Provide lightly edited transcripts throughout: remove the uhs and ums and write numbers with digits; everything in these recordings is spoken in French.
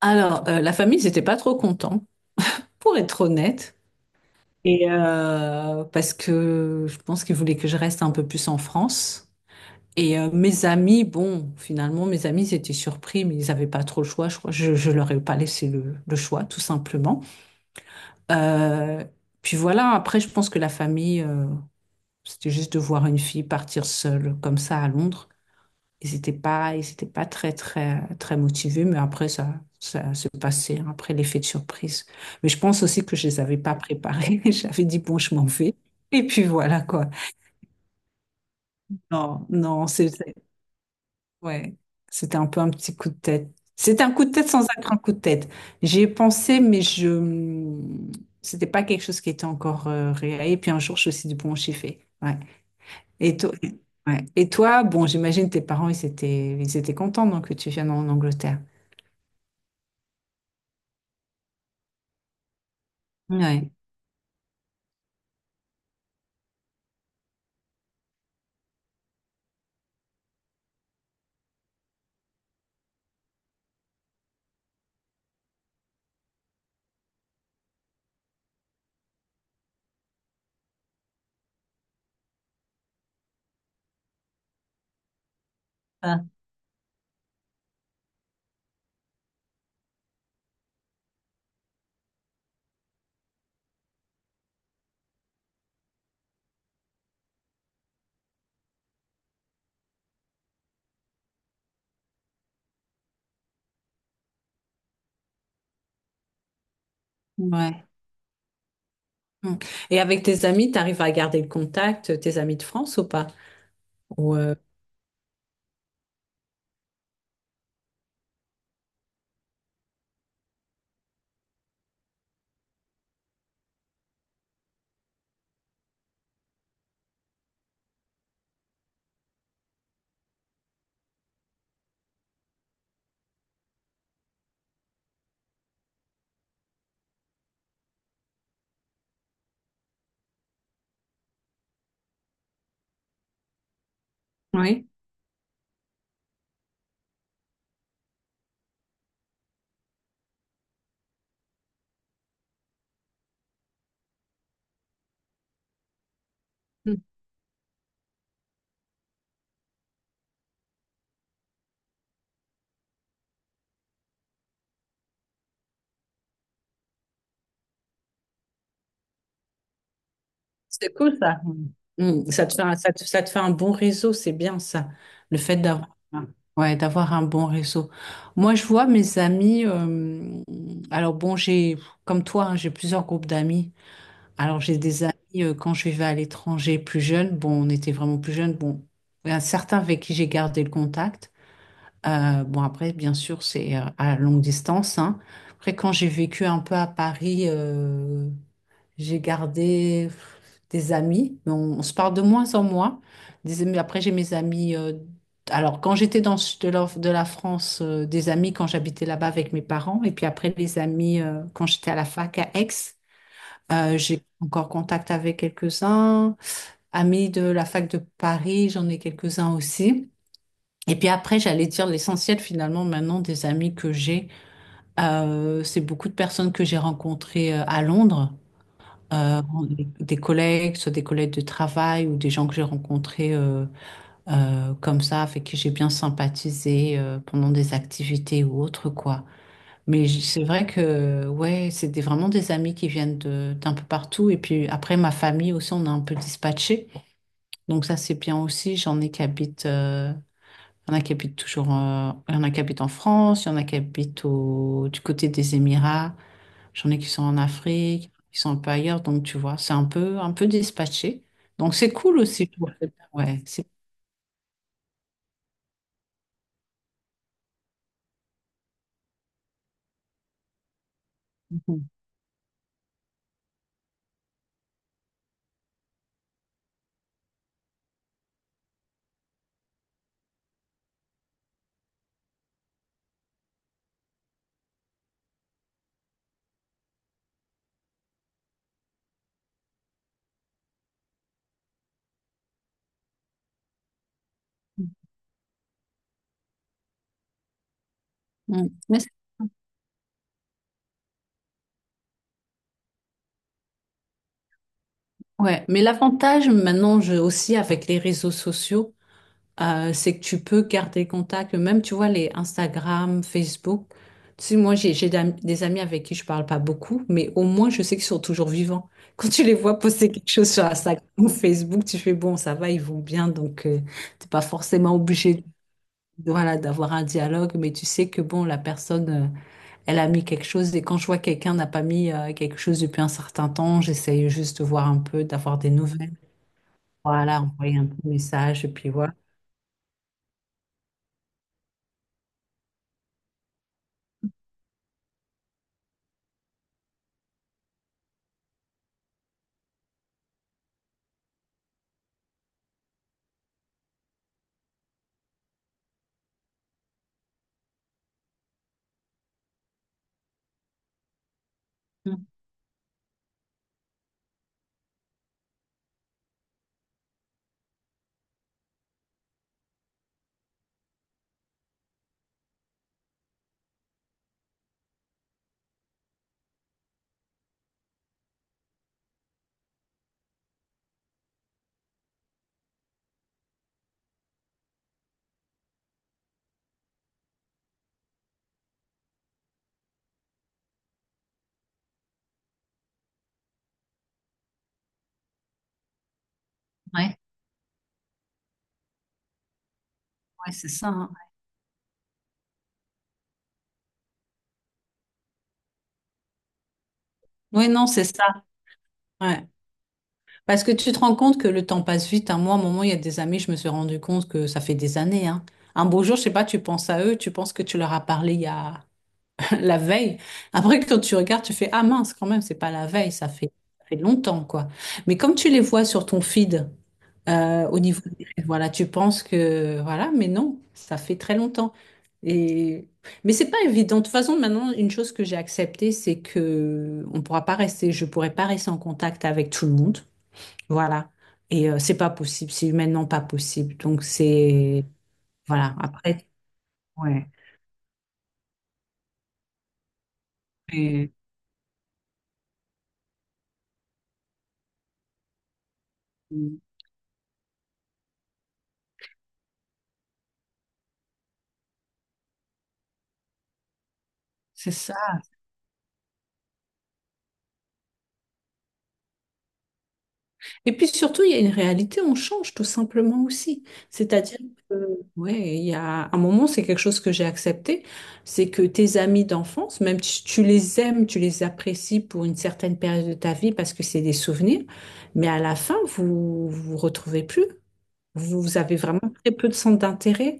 Alors, la famille, ils n'étaient pas trop contents, pour être honnête. Parce que je pense qu'ils voulaient que je reste un peu plus en France. Et mes amis, bon, finalement, mes amis, ils étaient surpris, mais ils n'avaient pas trop le choix, je crois. Je leur ai pas laissé le choix, tout simplement. Euh, Puis voilà, après, je pense que la famille, c'était juste de voir une fille partir seule comme ça à Londres. Ils étaient pas très motivés, mais après, ça se passait, hein, après l'effet de surprise. Mais je pense aussi que je les avais pas préparés. J'avais dit, bon, je m'en vais. Et puis voilà, quoi. Non, non, ouais, c'était un peu un petit coup de tête. C'était un coup de tête sans être un grand coup de tête. J'y ai pensé, mais je, c'était pas quelque chose qui était encore réel. Et puis un jour, je me suis dit, bon, j'y vais. Ouais. Et toi, ouais. Et toi, bon, j'imagine tes parents, ils étaient contents, donc, que tu viennes en Angleterre. Ouais. Ah. Ouais. Mm. Et avec tes amis, tu arrives à garder le contact, tes amis de France ou pas? Ou, euh, Oui. Mm. C'est cool ça. Mm. Mm. Ça te fait un bon réseau, c'est bien ça. Le fait d'avoir ouais, d'avoir un bon réseau. Moi, je vois mes amis. Alors bon, j'ai comme toi, hein, j'ai plusieurs groupes d'amis. Alors j'ai des amis quand je vivais à l'étranger plus jeune. Bon, on était vraiment plus jeunes. Bon, il y en a certains avec qui j'ai gardé le contact. Bon, après, bien sûr, c'est à longue distance, hein. Après, quand j'ai vécu un peu à Paris, j'ai gardé des amis, mais on se parle de moins en moins. J'ai mes amis. Quand j'étais dans le sud de de la France, des amis quand j'habitais là-bas avec mes parents, et puis après, les amis quand j'étais à la fac à Aix. J'ai encore contact avec quelques-uns. Amis de la fac de Paris, j'en ai quelques-uns aussi. Et puis après, j'allais dire l'essentiel finalement maintenant des amis que j'ai, c'est beaucoup de personnes que j'ai rencontrées à Londres, euh, des collègues, soit des collègues de travail ou des gens que j'ai rencontrés comme ça, avec qui j'ai bien sympathisé pendant des activités ou autres quoi. Mais c'est vrai que ouais, vraiment des amis qui viennent d'un peu partout. Et puis après, ma famille aussi, on a un peu dispatché, donc ça c'est bien aussi. J'en ai qui habitent. Il y en a qui habitent toujours, il y en a qui habitent en France, il y en a qui habitent du côté des Émirats, j'en ai qui sont en Afrique, qui sont un peu ailleurs, donc tu vois, c'est un peu dispatché. Donc c'est cool aussi. Je trouve. Ouais, c'est cool. Mm. Mm. Ouais. Mais l'avantage maintenant aussi avec les réseaux sociaux, c'est que tu peux garder contact. Même, tu vois, les Instagram, Facebook. Tu sais, moi, j'ai des amis avec qui je parle pas beaucoup, mais au moins, je sais qu'ils sont toujours vivants. Quand tu les vois poster quelque chose sur Instagram ou Facebook, tu fais, bon, ça va, ils vont bien, donc t'es pas forcément voilà, d'avoir un dialogue, mais tu sais que, bon, la personne, elle a mis quelque chose, et quand je vois que quelqu'un n'a pas mis quelque chose depuis un certain temps, j'essaye juste de voir un peu, d'avoir des nouvelles. Voilà, envoyer un petit message, et puis voilà. Mm. Ouais. Ouais, c'est ça, hein. Oui, non, c'est ça. Ouais. Parce que tu te rends compte que le temps passe vite, hein. Moi, à un moment, il y a des amis, je me suis rendu compte que ça fait des années, hein. Un beau jour, je sais pas, tu penses à eux, tu penses que tu leur as parlé il y a la veille. Après, quand tu regardes, tu fais, ah mince, quand même, c'est pas la veille, ça fait longtemps, quoi. Mais comme tu les vois sur ton feed, rêves, voilà, tu penses que voilà, mais non, ça fait très longtemps. Et mais c'est pas évident. De toute façon, maintenant, une chose que j'ai acceptée, c'est que on pourra pas rester, je pourrais pas rester en contact avec tout le monde. Voilà. Et c'est pas possible, c'est humainement pas possible. Donc c'est voilà, après ouais. Et- C'est ça. Et puis surtout, il y a une réalité, on change tout simplement aussi. C'est-à-dire que, ouais, il y a un moment, c'est quelque chose que j'ai accepté, c'est que tes amis d'enfance, même si tu les aimes, tu les apprécies pour une certaine période de ta vie parce que c'est des souvenirs, mais à la fin, vous vous retrouvez plus. Vous avez vraiment très peu de centre d'intérêt.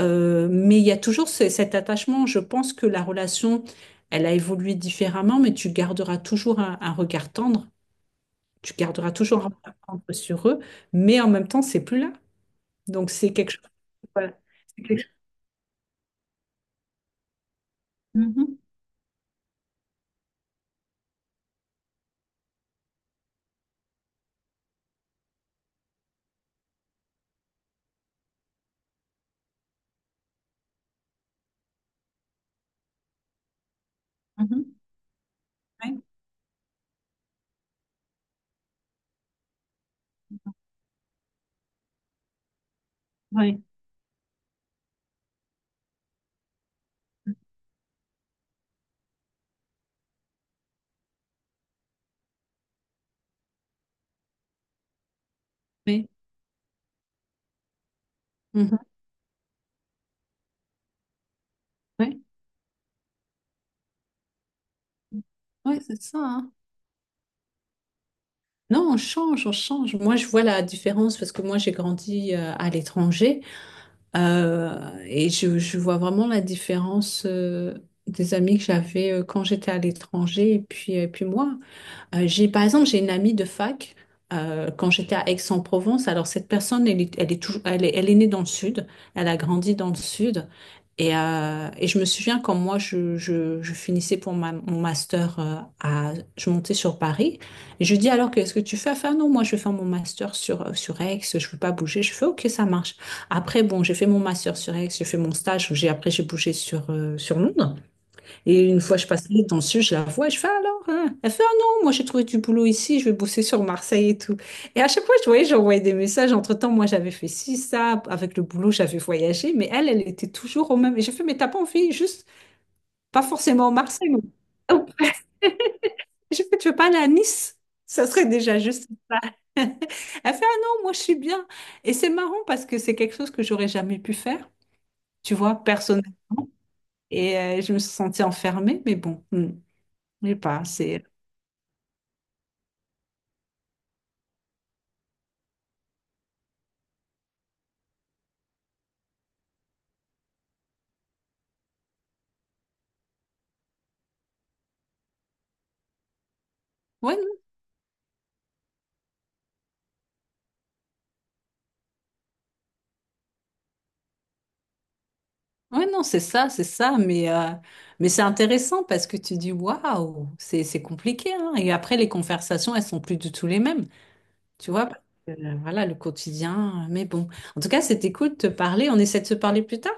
Mais il y a toujours cet attachement. Je pense que la relation, elle a évolué différemment, mais tu garderas toujours un regard tendre, tu garderas toujours un peu à prendre sur eux, mais en même temps, c'est plus là. Donc, c'est quelque chose. Voilà. C'est quelque chose. Mhm, mhm, ouais, ouais, ouais, mhm, ouais. Oui, c'est ça, hein. Non, on change, on change. Moi, je vois la différence parce que moi, j'ai grandi à l'étranger je vois vraiment la différence des amis que j'avais quand j'étais à l'étranger et puis moi. J'ai une amie de fac quand j'étais à Aix-en-Provence. Alors, cette personne, elle est née dans le sud, elle a grandi dans le sud. Et, je me souviens quand moi, je finissais pour mon master, à, je montais sur Paris. Et je lui dis, alors, qu'est-ce que tu fais? Elle fait, ah non, moi, je vais faire mon master sur Aix, je veux pas bouger. Je fais, ok, ça marche. Après, bon, j'ai fait mon master sur Aix, j'ai fait mon stage, j'ai bougé sur Londres. Et une fois, je passe les temps dessus, je la vois, et je fais alors, hein? Elle fait, ah non, moi j'ai trouvé du boulot ici, je vais bosser sur Marseille et tout. Et à chaque fois, j'envoyais des messages. Entre-temps, moi j'avais fait ci, ça, avec le boulot, j'avais voyagé, mais elle, elle était toujours au même. Et j'ai fait, mais t'as pas envie, juste, pas forcément à Marseille? Oh. J'ai fait, tu veux pas aller à Nice? Ça serait déjà juste. Elle fait, ah non, moi je suis bien. Et c'est marrant parce que c'est quelque chose que j'aurais jamais pu faire, tu vois, personnellement. Et je me suis sentie enfermée, mais bon, hmm, je sais pas, c'est. Ouais, non, ouais, non, c'est ça, mais c'est intéressant parce que tu dis waouh, c'est compliqué, hein. Et après, les conversations, elles sont plus du tout les mêmes, tu vois, voilà, le quotidien, mais bon. En tout cas, c'était cool de te parler, on essaie de se parler plus tard?